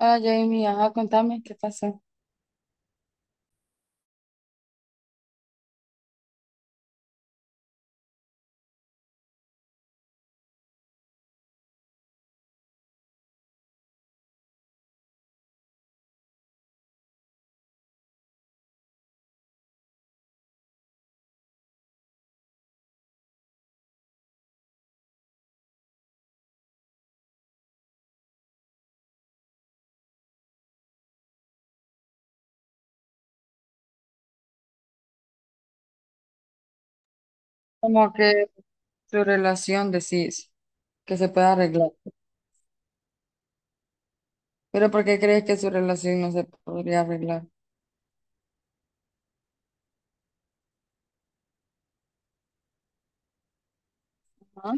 Ah, Jamie, ajá, contame qué pasó. Como que su relación decís que se puede arreglar. Pero ¿por qué crees que su relación no se podría arreglar? Ah,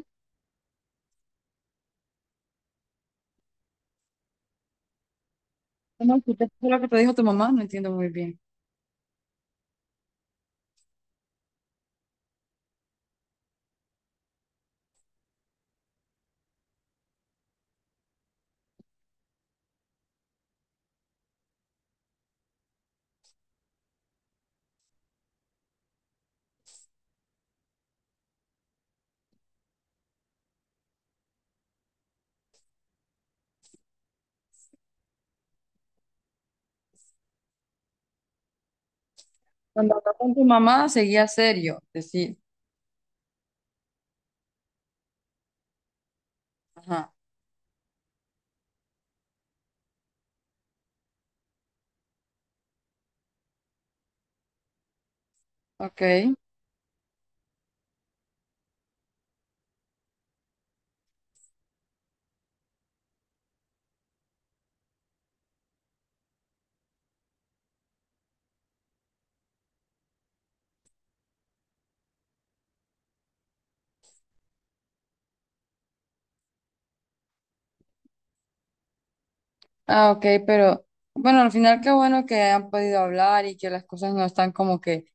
no, lo que te dijo tu mamá? No entiendo muy bien. Cuando habló con tu mamá seguía serio, decís. Ajá, ok. Ah, ok, pero bueno, al final qué bueno que han podido hablar y que las cosas no están como que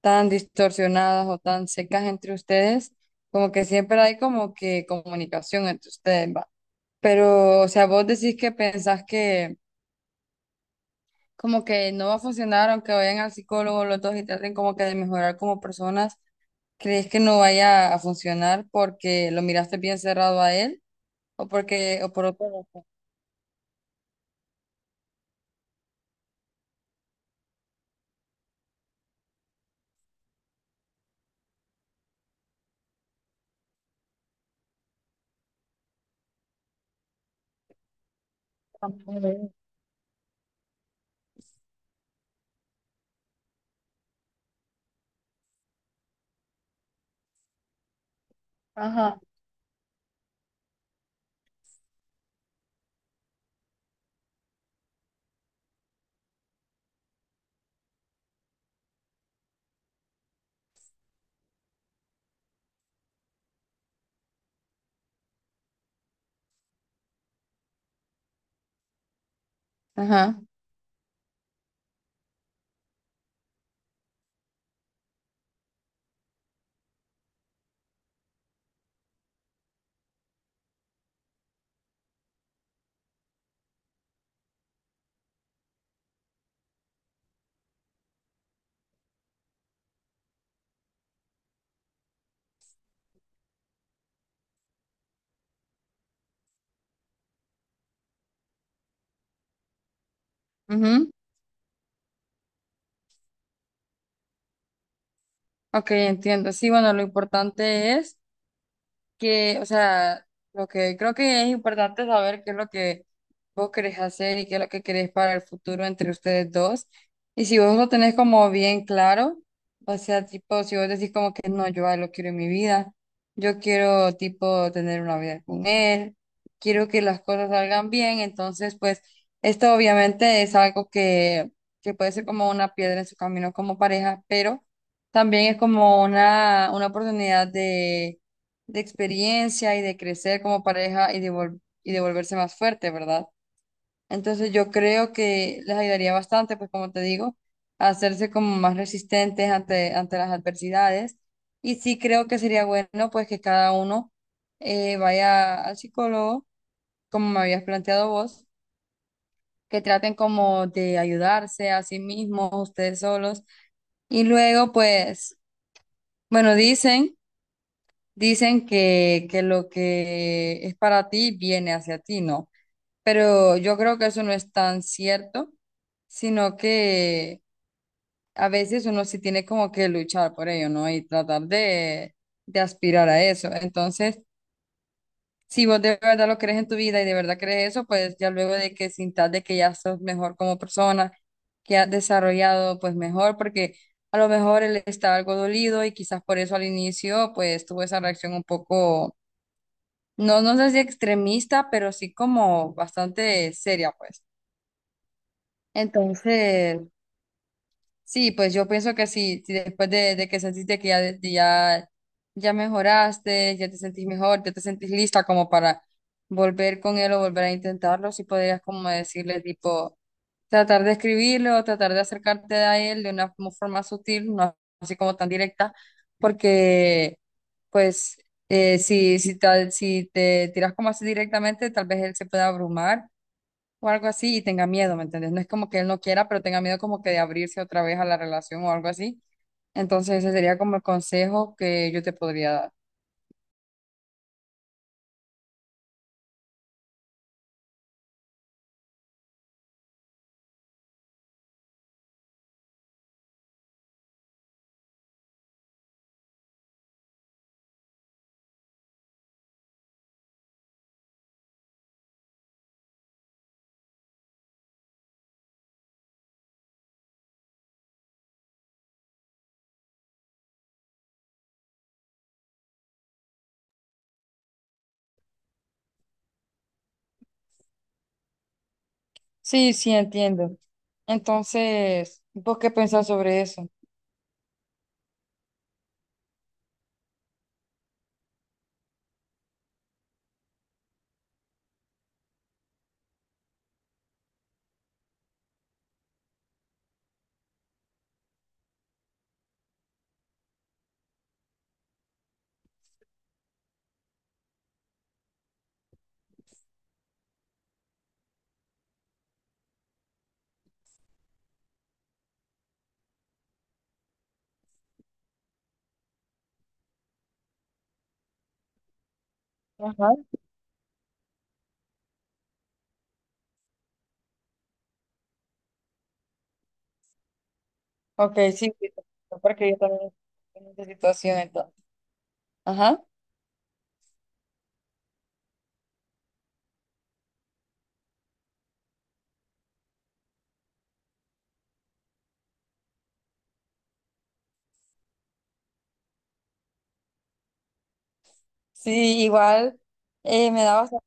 tan distorsionadas o tan secas entre ustedes. Como que siempre hay como que comunicación entre ustedes, ¿va? Pero, o sea, vos decís que pensás que como que no va a funcionar, aunque vayan al psicólogo los dos y traten como que de mejorar como personas, ¿crees que no vaya a funcionar porque lo miraste bien cerrado a él o porque o por otra razón? Ajá. Ajá. Ujú. Ok, entiendo. Sí, bueno, lo importante es que, o sea, lo que creo que es importante saber qué es lo que vos querés hacer y qué es lo que querés para el futuro entre ustedes dos. Y si vos lo tenés como bien claro, o sea, tipo, si vos decís como que no, yo a él lo quiero en mi vida, yo quiero, tipo, tener una vida con él, quiero que las cosas salgan bien, entonces, pues, esto obviamente es algo que puede ser como una piedra en su camino como pareja, pero también es como una oportunidad de experiencia y de crecer como pareja y de, y de volverse más fuerte, ¿verdad? Entonces yo creo que les ayudaría bastante, pues como te digo, a hacerse como más resistentes ante, ante las adversidades. Y sí creo que sería bueno, pues que cada uno vaya al psicólogo, como me habías planteado vos, que traten como de ayudarse a sí mismos, ustedes solos. Y luego, pues, bueno, dicen que lo que es para ti viene hacia ti, ¿no? Pero yo creo que eso no es tan cierto, sino que a veces uno sí tiene como que luchar por ello, ¿no? Y tratar de aspirar a eso. Entonces, si vos de verdad lo crees en tu vida y de verdad crees eso, pues ya luego de que sintas de que ya sos mejor como persona, que has desarrollado pues mejor, porque a lo mejor él está algo dolido y quizás por eso al inicio pues tuvo esa reacción un poco no, no sé si extremista, pero sí como bastante seria, pues. Entonces, sí, pues yo pienso que sí, si después de que sentiste que ya, ya, ya mejoraste, ya te sentís mejor, ya te sentís lista como para volver con él o volver a intentarlo, sí podrías como decirle tipo... Tratar de escribirlo, tratar de acercarte a él de una forma sutil, no así como tan directa, porque pues si, si te tiras como así directamente, tal vez él se pueda abrumar o algo así y tenga miedo, ¿me entiendes? No es como que él no quiera, pero tenga miedo como que de abrirse otra vez a la relación o algo así. Entonces ese sería como el consejo que yo te podría dar. Sí, sí, entiendo. Entonces, ¿vos qué pensás sobre eso? Ajá. Ok, sí, sí, porque yo también estoy en esa situación entonces. Ajá. Sí, igual me da bastante.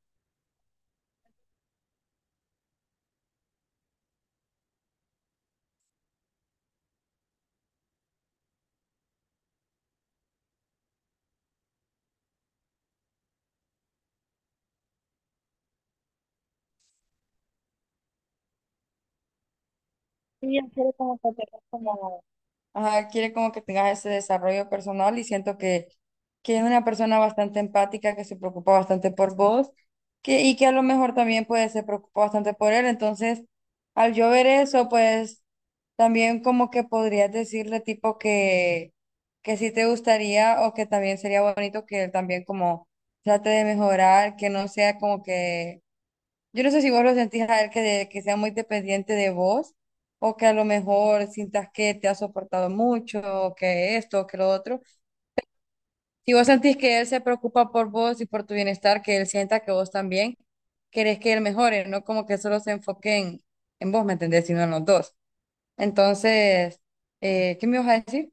Sí, hacer como, ajá, quiere como que tengas ese desarrollo personal y siento que es una persona bastante empática, que se preocupa bastante por vos que, y que a lo mejor también pues se preocupa bastante por él. Entonces, al yo ver eso, pues también como que podrías decirle tipo que sí te gustaría o que también sería bonito que él también como trate de mejorar, que no sea como que yo no sé si vos lo sentís a él que, que sea muy dependiente de vos o que a lo mejor sientas que te ha soportado mucho, o que esto, o que lo otro. Si vos sentís que él se preocupa por vos y por tu bienestar, que él sienta que vos también querés que él mejore, no como que solo se enfoque en vos, ¿me entendés? Sino en los dos. Entonces, ¿qué me vas a decir?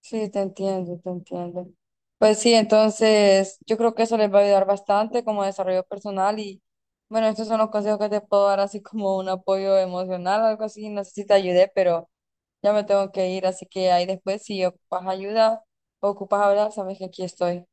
Sí, te entiendo, te entiendo. Pues sí, entonces yo creo que eso les va a ayudar bastante como desarrollo personal y bueno, estos son los consejos que te puedo dar así como un apoyo emocional, algo así, no sé si te ayudé, pero ya me tengo que ir, así que ahí después si ocupas ayuda o ocupas hablar, sabes que aquí estoy.